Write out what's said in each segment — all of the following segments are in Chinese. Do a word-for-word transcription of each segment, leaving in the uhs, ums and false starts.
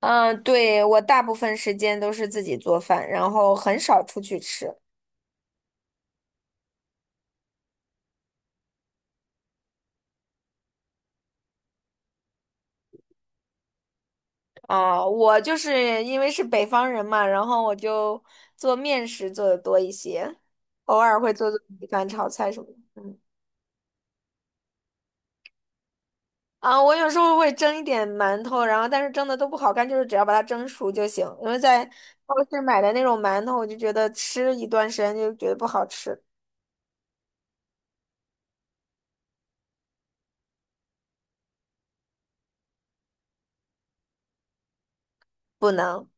嗯，对，我大部分时间都是自己做饭，然后很少出去吃。啊，我就是因为是北方人嘛，然后我就做面食做的多一些，偶尔会做做米饭、炒菜什么的。嗯，啊，我有时候会蒸一点馒头，然后但是蒸的都不好看，就是只要把它蒸熟就行。因为在超市买的那种馒头，我就觉得吃一段时间就觉得不好吃，不能。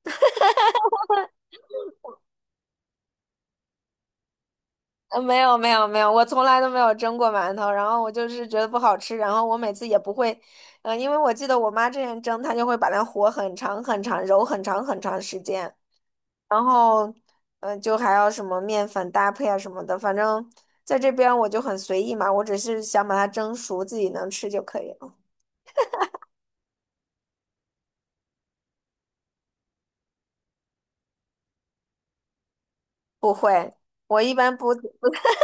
呃，没有没有没有，我从来都没有蒸过馒头，然后我就是觉得不好吃，然后我每次也不会，嗯、因为我记得我妈之前蒸，她就会把它和很长很长，揉很长很长时间，然后，嗯、就还要什么面粉搭配啊什么的，反正在这边我就很随意嘛，我只是想把它蒸熟，自己能吃就可以了。不会，我一般不不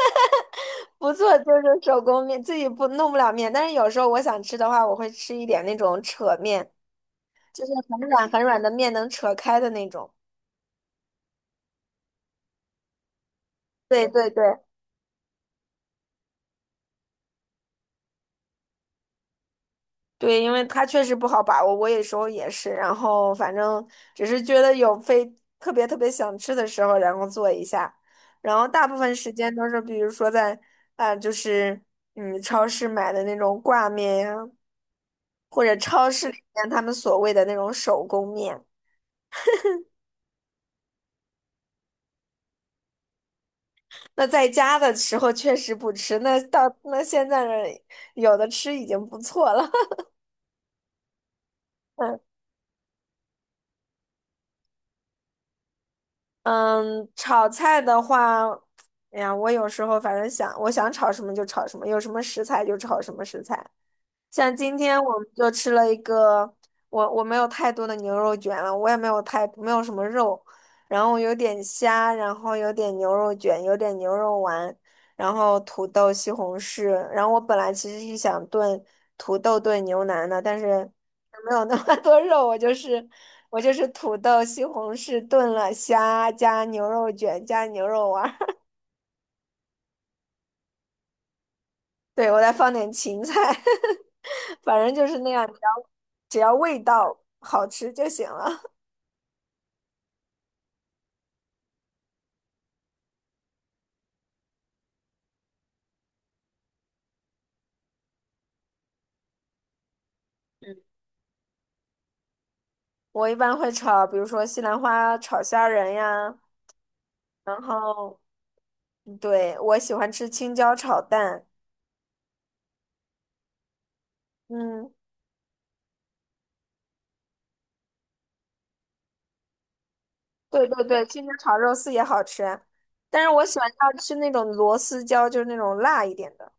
不做就是手工面，自己不弄不了面，但是有时候我想吃的话，我会吃一点那种扯面。就是很软很软的面能扯开的那种。对对对对，因为它确实不好把握，我有时候也是。然后反正只是觉得有非特别特别想吃的时候，然后做一下。然后大部分时间都是，比如说在啊、呃就是嗯，超市买的那种挂面呀，或者超市里面他们所谓的那种手工面。那在家的时候确实不吃，那到那现在呢，有的吃已经不错了。嗯，炒菜的话，哎呀，我有时候反正想，我想炒什么就炒什么，有什么食材就炒什么食材。像今天我们就吃了一个，我我没有太多的牛肉卷了，我也没有太没有什么肉，然后有点虾，然后有点牛肉卷，有点牛肉丸，然后土豆、西红柿。然后我本来其实是想炖土豆炖牛腩的，但是没有那么多肉，我就是我就是土豆、西红柿炖了虾，加牛肉卷，加牛肉丸儿，对，我再放点芹菜，反正就是那样，只要只要味道好吃就行了。嗯，我一般会炒，比如说西兰花炒虾仁呀，然后嗯对，我喜欢吃青椒炒蛋。嗯，对对对，青椒炒肉丝也好吃啊，但是我喜欢要吃那种螺丝椒，就是那种辣一点的。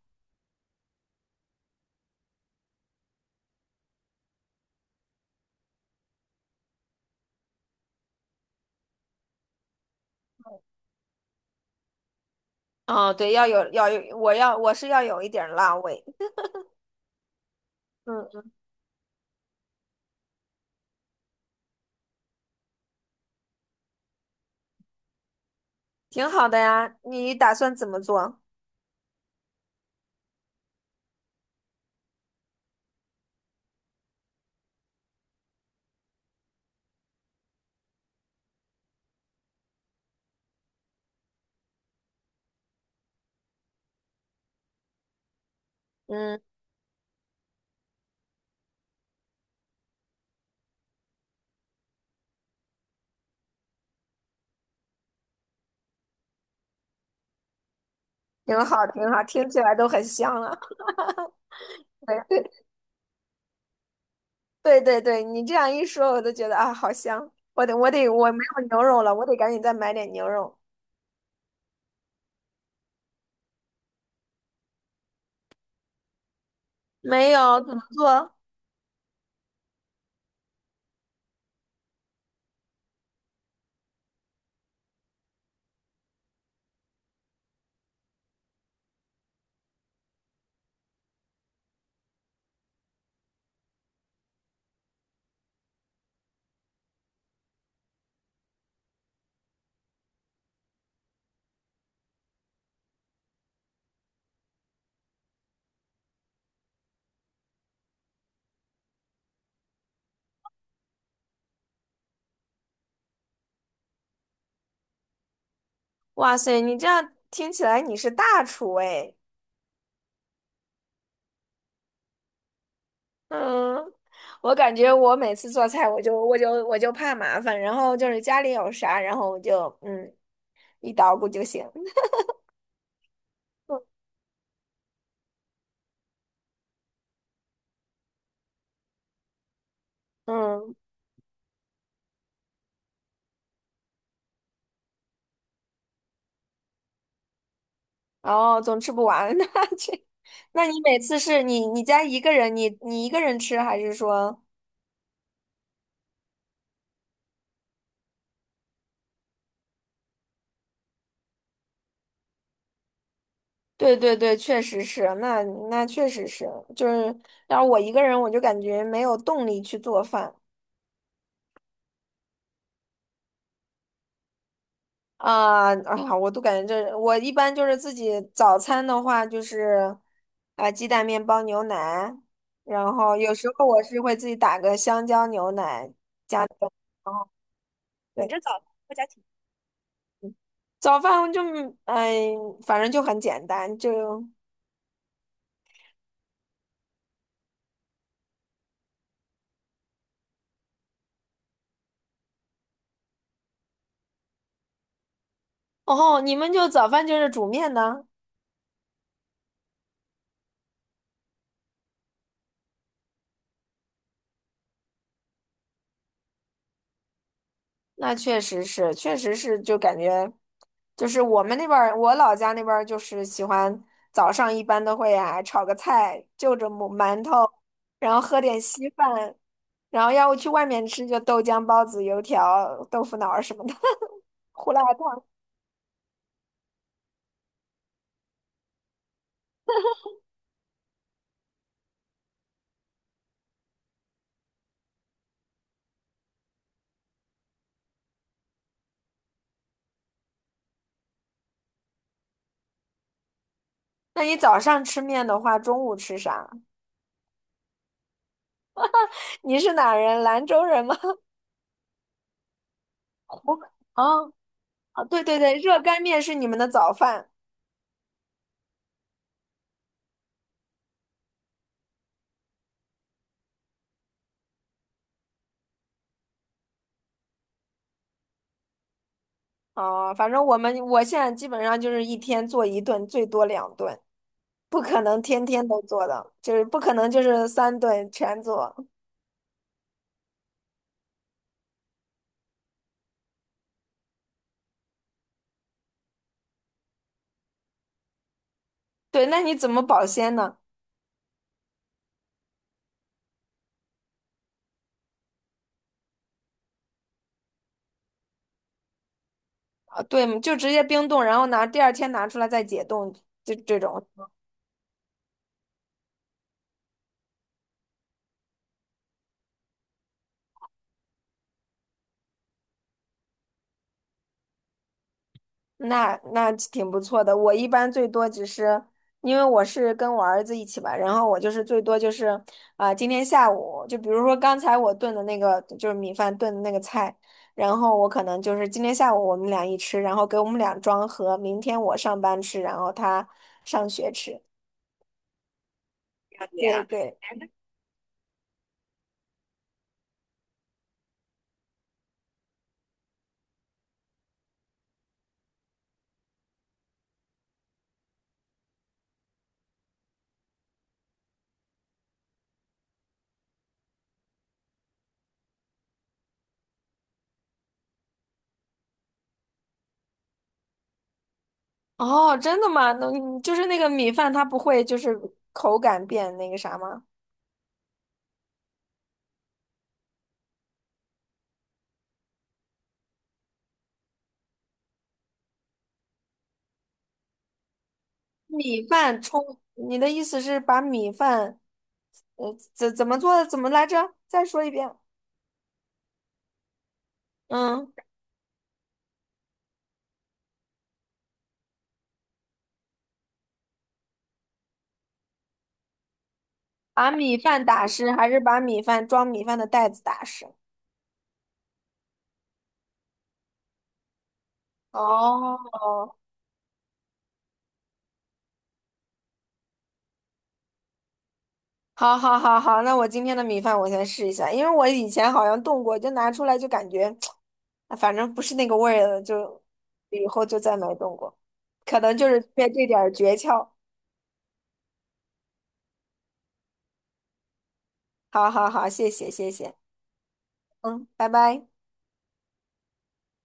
哦，对，要有要有，我要我是要有一点儿辣味，嗯，挺好的呀。你打算怎么做？嗯，挺好，挺好，听起来都很香了。对对对对对，你这样一说，我都觉得啊，好香。我得我得我没有牛肉了，我得赶紧再买点牛肉。没有，怎么做？哇塞，你这样听起来你是大厨哎。嗯，我感觉我每次做菜，我就我就我就怕麻烦，然后就是家里有啥，然后我就嗯一捣鼓就行。嗯，哦，总吃不完，那这，那你每次是你你家一个人，你你一个人吃，还是说？对对对，确实是，那那确实是，就是要是我一个人，我就感觉没有动力去做饭。啊啊，我都感觉这，我一般就是自己早餐的话，就是啊鸡蛋、面包、牛奶，然后有时候我是会自己打个香蕉牛奶加。然后早。早饭就哎，反正就很简单，就哦，你们就早饭就是煮面呢？那确实是，确实是，就感觉就是我们那边儿，我老家那边儿就是喜欢早上一般都会啊炒个菜，就着馒馒头，然后喝点稀饭，然后要不去外面吃就豆浆、包子、油条、豆腐脑儿什么的，胡辣汤。那你早上吃面的话，中午吃啥？你是哪人？兰州人吗？湖北哦，啊，对对对，热干面是你们的早饭。啊，反正我们我现在基本上就是一天做一顿，最多两顿，不可能天天都做的，就是不可能就是三顿全做。对，那你怎么保鲜呢？啊，对，就直接冰冻，然后拿第二天拿出来再解冻，就这种。那那挺不错的。我一般最多只是，因为我是跟我儿子一起吧，然后我就是最多就是，啊、今天下午就比如说刚才我炖的那个就是米饭炖的那个菜，然后我可能就是今天下午我们俩一吃，然后给我们俩装盒，明天我上班吃，然后他上学吃。对对，哦，真的吗？那你就是那个米饭，它不会就是口感变那个啥吗？米饭冲，你的意思是把米饭？呃，怎怎么做的？怎么来着？再说一遍。嗯，把米饭打湿，还是把米饭装米饭的袋子打湿？哦，好，好，好，好，那我今天的米饭我先试一下，因为我以前好像动过，就拿出来就感觉，啊反正不是那个味儿了，就以后就再没动过，可能就是缺这点儿诀窍。好好好，谢谢，谢谢，嗯，拜拜。